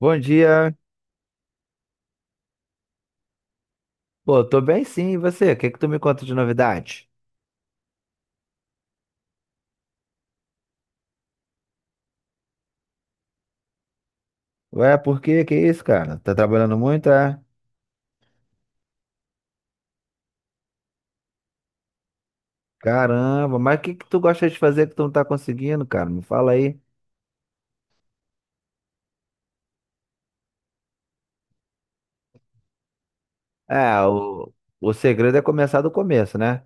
Bom dia. Pô, tô bem sim, e você? O que que tu me conta de novidade? Ué, por quê? Que isso, cara? Tá trabalhando muito, é? Caramba, mas o que que tu gosta de fazer que tu não tá conseguindo, cara? Me fala aí. É, o segredo é começar do começo, né?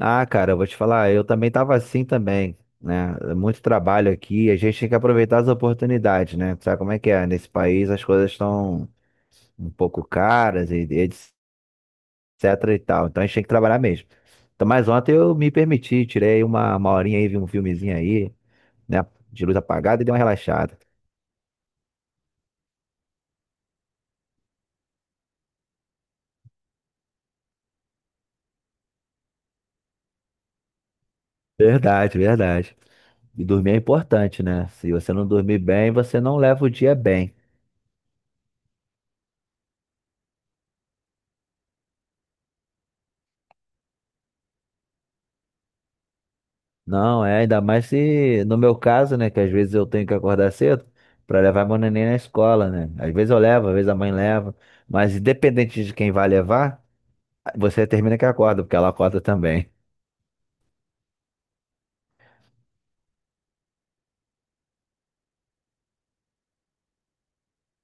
Ah, cara, eu vou te falar, eu também tava assim também, né? É. Muito trabalho aqui, a gente tem que aproveitar as oportunidades, né? Tu sabe como é que é? Nesse país as coisas estão um pouco caras e etc e tal. Então a gente tinha que trabalhar mesmo. Então, mas ontem eu me permiti, tirei uma horinha aí, vi um filmezinho aí, né? De luz apagada e dei uma relaxada. Verdade, verdade. E dormir é importante, né? Se você não dormir bem, você não leva o dia bem. Não, é, ainda mais se, no meu caso, né, que às vezes eu tenho que acordar cedo para levar meu neném na escola, né? Às vezes eu levo, às vezes a mãe leva, mas independente de quem vai levar, você termina que acorda, porque ela acorda também.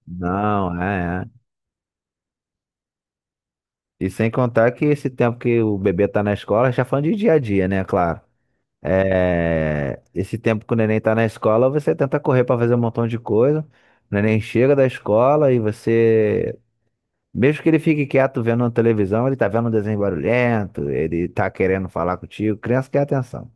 Não, é, é. E sem contar que esse tempo que o bebê tá na escola, já falando de dia a dia, né? Claro. É, esse tempo que o neném tá na escola, você tenta correr para fazer um montão de coisa. O neném chega da escola e você, mesmo que ele fique quieto vendo a televisão, ele tá vendo um desenho barulhento, ele tá querendo falar contigo. Criança quer atenção.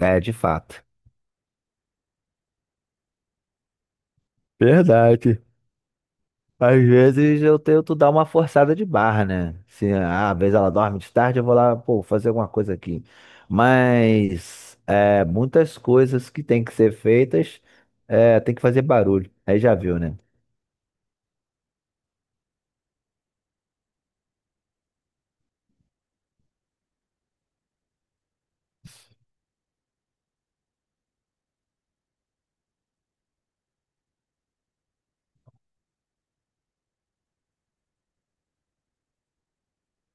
É, de fato. Verdade. Às vezes eu tento dar uma forçada de barra, né? Se ah, às vezes ela dorme de tarde, eu vou lá, pô, fazer alguma coisa aqui. Mas é, muitas coisas que têm que ser feitas, é, tem que fazer barulho. Aí já viu, né?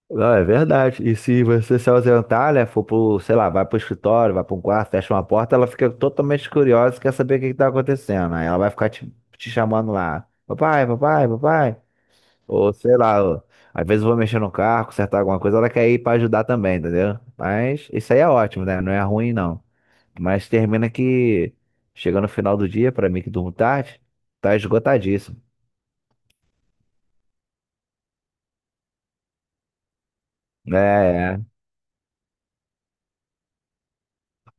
Não, é verdade. E se você se ausentar, né, for pro, sei lá, vai pro escritório, vai pra um quarto, fecha uma porta, ela fica totalmente curiosa, quer saber o que que tá acontecendo. Aí ela vai ficar te chamando lá. Papai, papai, papai. Ou sei lá, ó, às vezes eu vou mexer no carro, consertar alguma coisa, ela quer ir pra ajudar também, entendeu? Mas isso aí é ótimo, né? Não é ruim, não. Mas termina que chega no final do dia, pra mim que durmo tarde, tá esgotadíssimo. É, é.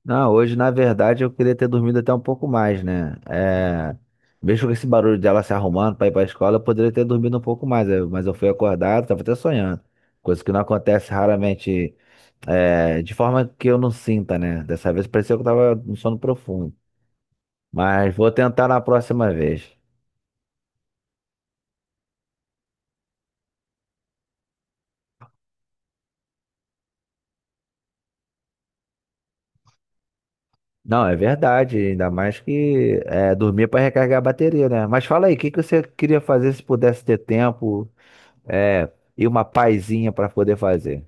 Não, hoje na verdade eu queria ter dormido até um pouco mais, né? É, mesmo com esse barulho dela se arrumando pra ir pra escola, eu poderia ter dormido um pouco mais, mas eu fui acordado, tava até sonhando. Coisa que não acontece raramente, é, de forma que eu não sinta, né? Dessa vez pareceu que eu tava no sono profundo. Mas vou tentar na próxima vez. Não, é verdade, ainda mais que é, dormir para recarregar a bateria, né? Mas fala aí, o que que você queria fazer se pudesse ter tempo, é, e uma paizinha para poder fazer?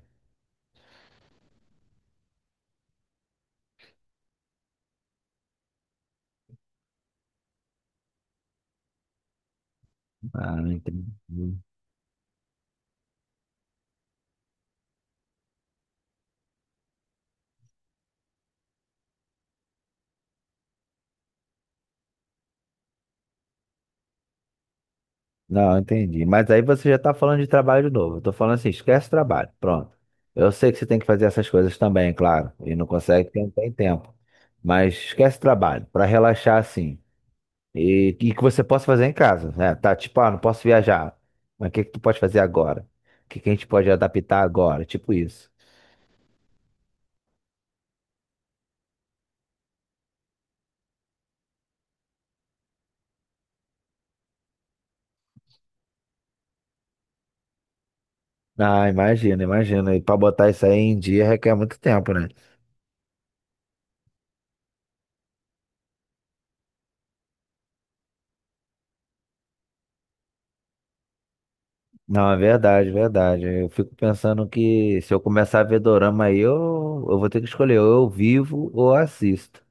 Ah, entendi. Não, entendi. Mas aí você já está falando de trabalho de novo. Eu tô falando assim, esquece trabalho. Pronto. Eu sei que você tem que fazer essas coisas também, claro. E não consegue porque não tem tempo. Mas esquece trabalho, para relaxar assim. E que você possa fazer em casa, né? Tá tipo, ah, não posso viajar. Mas o que que tu pode fazer agora? O que que a gente pode adaptar agora? Tipo isso. Ah, imagina, imagina. E para botar isso aí em dia requer muito tempo, né? Não, é verdade, verdade. Eu fico pensando que se eu começar a ver dorama aí, eu vou ter que escolher, ou eu vivo ou assisto.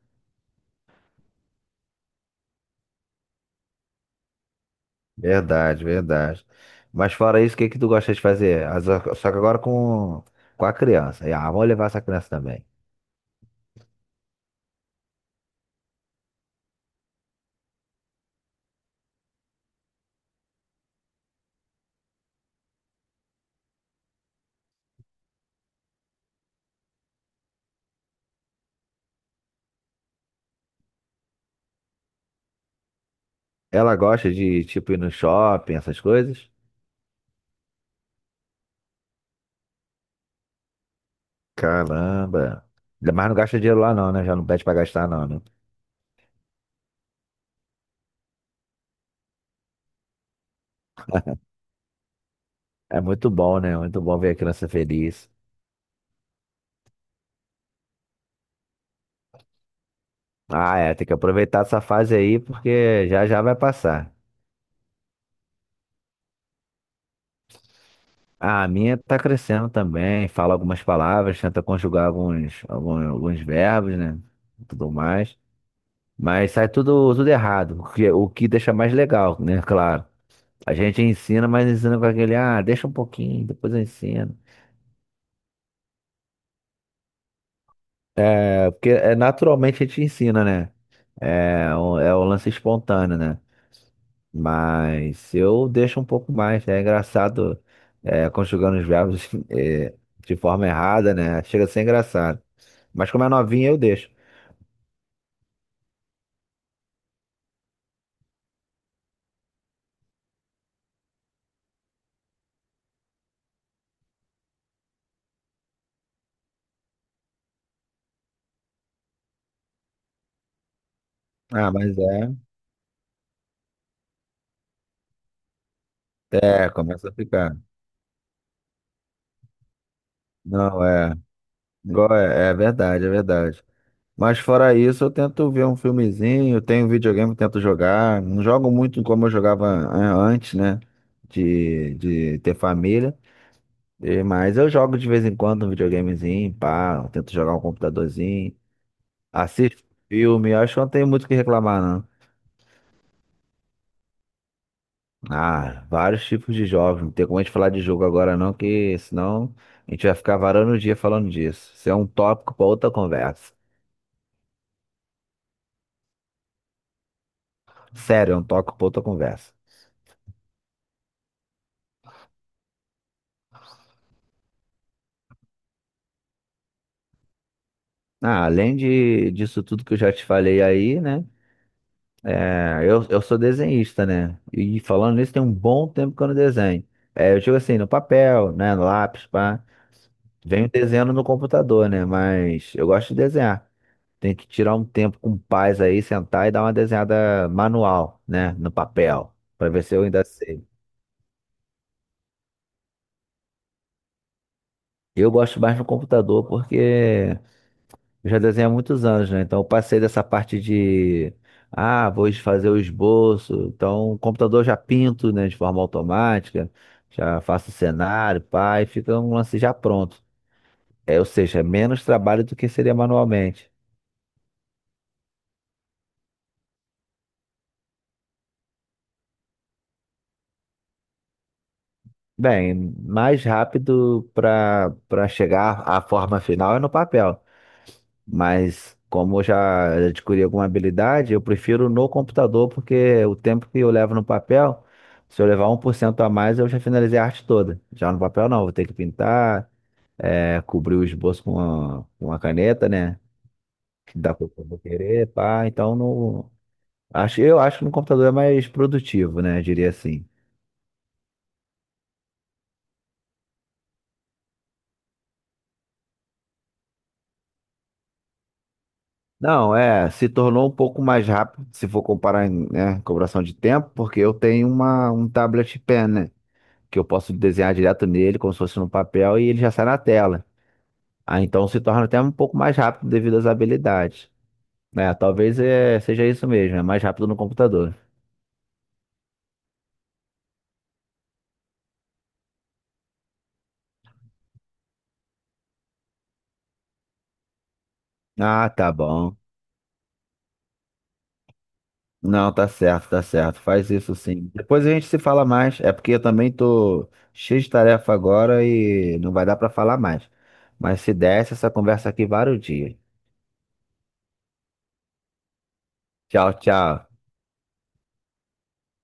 Verdade, verdade. Mas fora isso, o que que tu gosta de fazer? Só que agora com a criança. E, ah, vamos levar essa criança também. Ela gosta de, tipo, ir no shopping, essas coisas? Caramba. Mas não gasta dinheiro lá não, né? Já não pede pra gastar não, né? É muito bom, né? Muito bom ver a criança feliz. Ah, é, tem que aproveitar essa fase aí porque já já vai passar. Ah, a minha tá crescendo também, fala algumas palavras, tenta conjugar alguns verbos, né? Tudo mais. Mas sai tudo, tudo errado, o que deixa mais legal, né? Claro. A gente ensina, mas ensina com aquele, ah, deixa um pouquinho, depois eu ensino. É porque é, naturalmente a gente ensina, né? É, é o lance espontâneo, né? Mas eu deixo um pouco mais, né? É engraçado, é, conjugando os verbos, é, de forma errada, né? Chega a ser engraçado. Mas como é novinha, eu deixo. Ah, mas é. É, começa a ficar. Não, é. Igual é, é verdade, é verdade. Mas fora isso, eu tento ver um filmezinho, tenho videogame, eu tento jogar. Não jogo muito como eu jogava antes, né? De ter família. Mas eu jogo de vez em quando um videogamezinho, pá, eu tento jogar um computadorzinho. Assisto filme, acho que não tem muito o que reclamar, não. Ah, vários tipos de jovem. Não tem como a gente falar de jogo agora, não, que senão a gente vai ficar varando o dia falando disso. Isso é um tópico para outra conversa. Sério, é um tópico para outra conversa. Ah, além de, disso tudo que eu já te falei aí, né? É, eu sou desenhista, né? E falando nisso, tem um bom tempo que eu não desenho. É, eu digo assim, no papel, né? No lápis, pá. Venho desenhando no computador, né? Mas eu gosto de desenhar. Tem que tirar um tempo com paz aí, sentar e dar uma desenhada manual, né? No papel, para ver se eu ainda sei. Eu gosto mais no computador porque eu já desenho há muitos anos, né? Então eu passei dessa parte de, ah, vou fazer o esboço. Então o computador eu já pinto, né, de forma automática, já faço o cenário, pá, e fica um lance já pronto. É, ou seja, é menos trabalho do que seria manualmente. Bem, mais rápido para chegar à forma final é no papel. Mas como eu já adquiri alguma habilidade, eu prefiro no computador, porque o tempo que eu levo no papel, se eu levar 1% a mais, eu já finalizei a arte toda. Já no papel não, vou ter que pintar, é, cobrir o esboço com uma caneta, né? Que dá pra eu querer, pá. Então no, acho, eu acho que no computador é mais produtivo, né? Eu diria assim. Não, é, se tornou um pouco mais rápido, se for comparar em, né, cobração de tempo, porque eu tenho um tablet pen, né? Que eu posso desenhar direto nele, como se fosse no papel, e ele já sai na tela. Ah, então se torna até um pouco mais rápido devido às habilidades. É, talvez seja isso mesmo, é mais rápido no computador. Ah, tá bom. Não, tá certo, tá certo. Faz isso sim. Depois a gente se fala mais. É porque eu também tô cheio de tarefa agora e não vai dar pra falar mais. Mas se desse, essa conversa aqui vários dias. Tchau, tchau.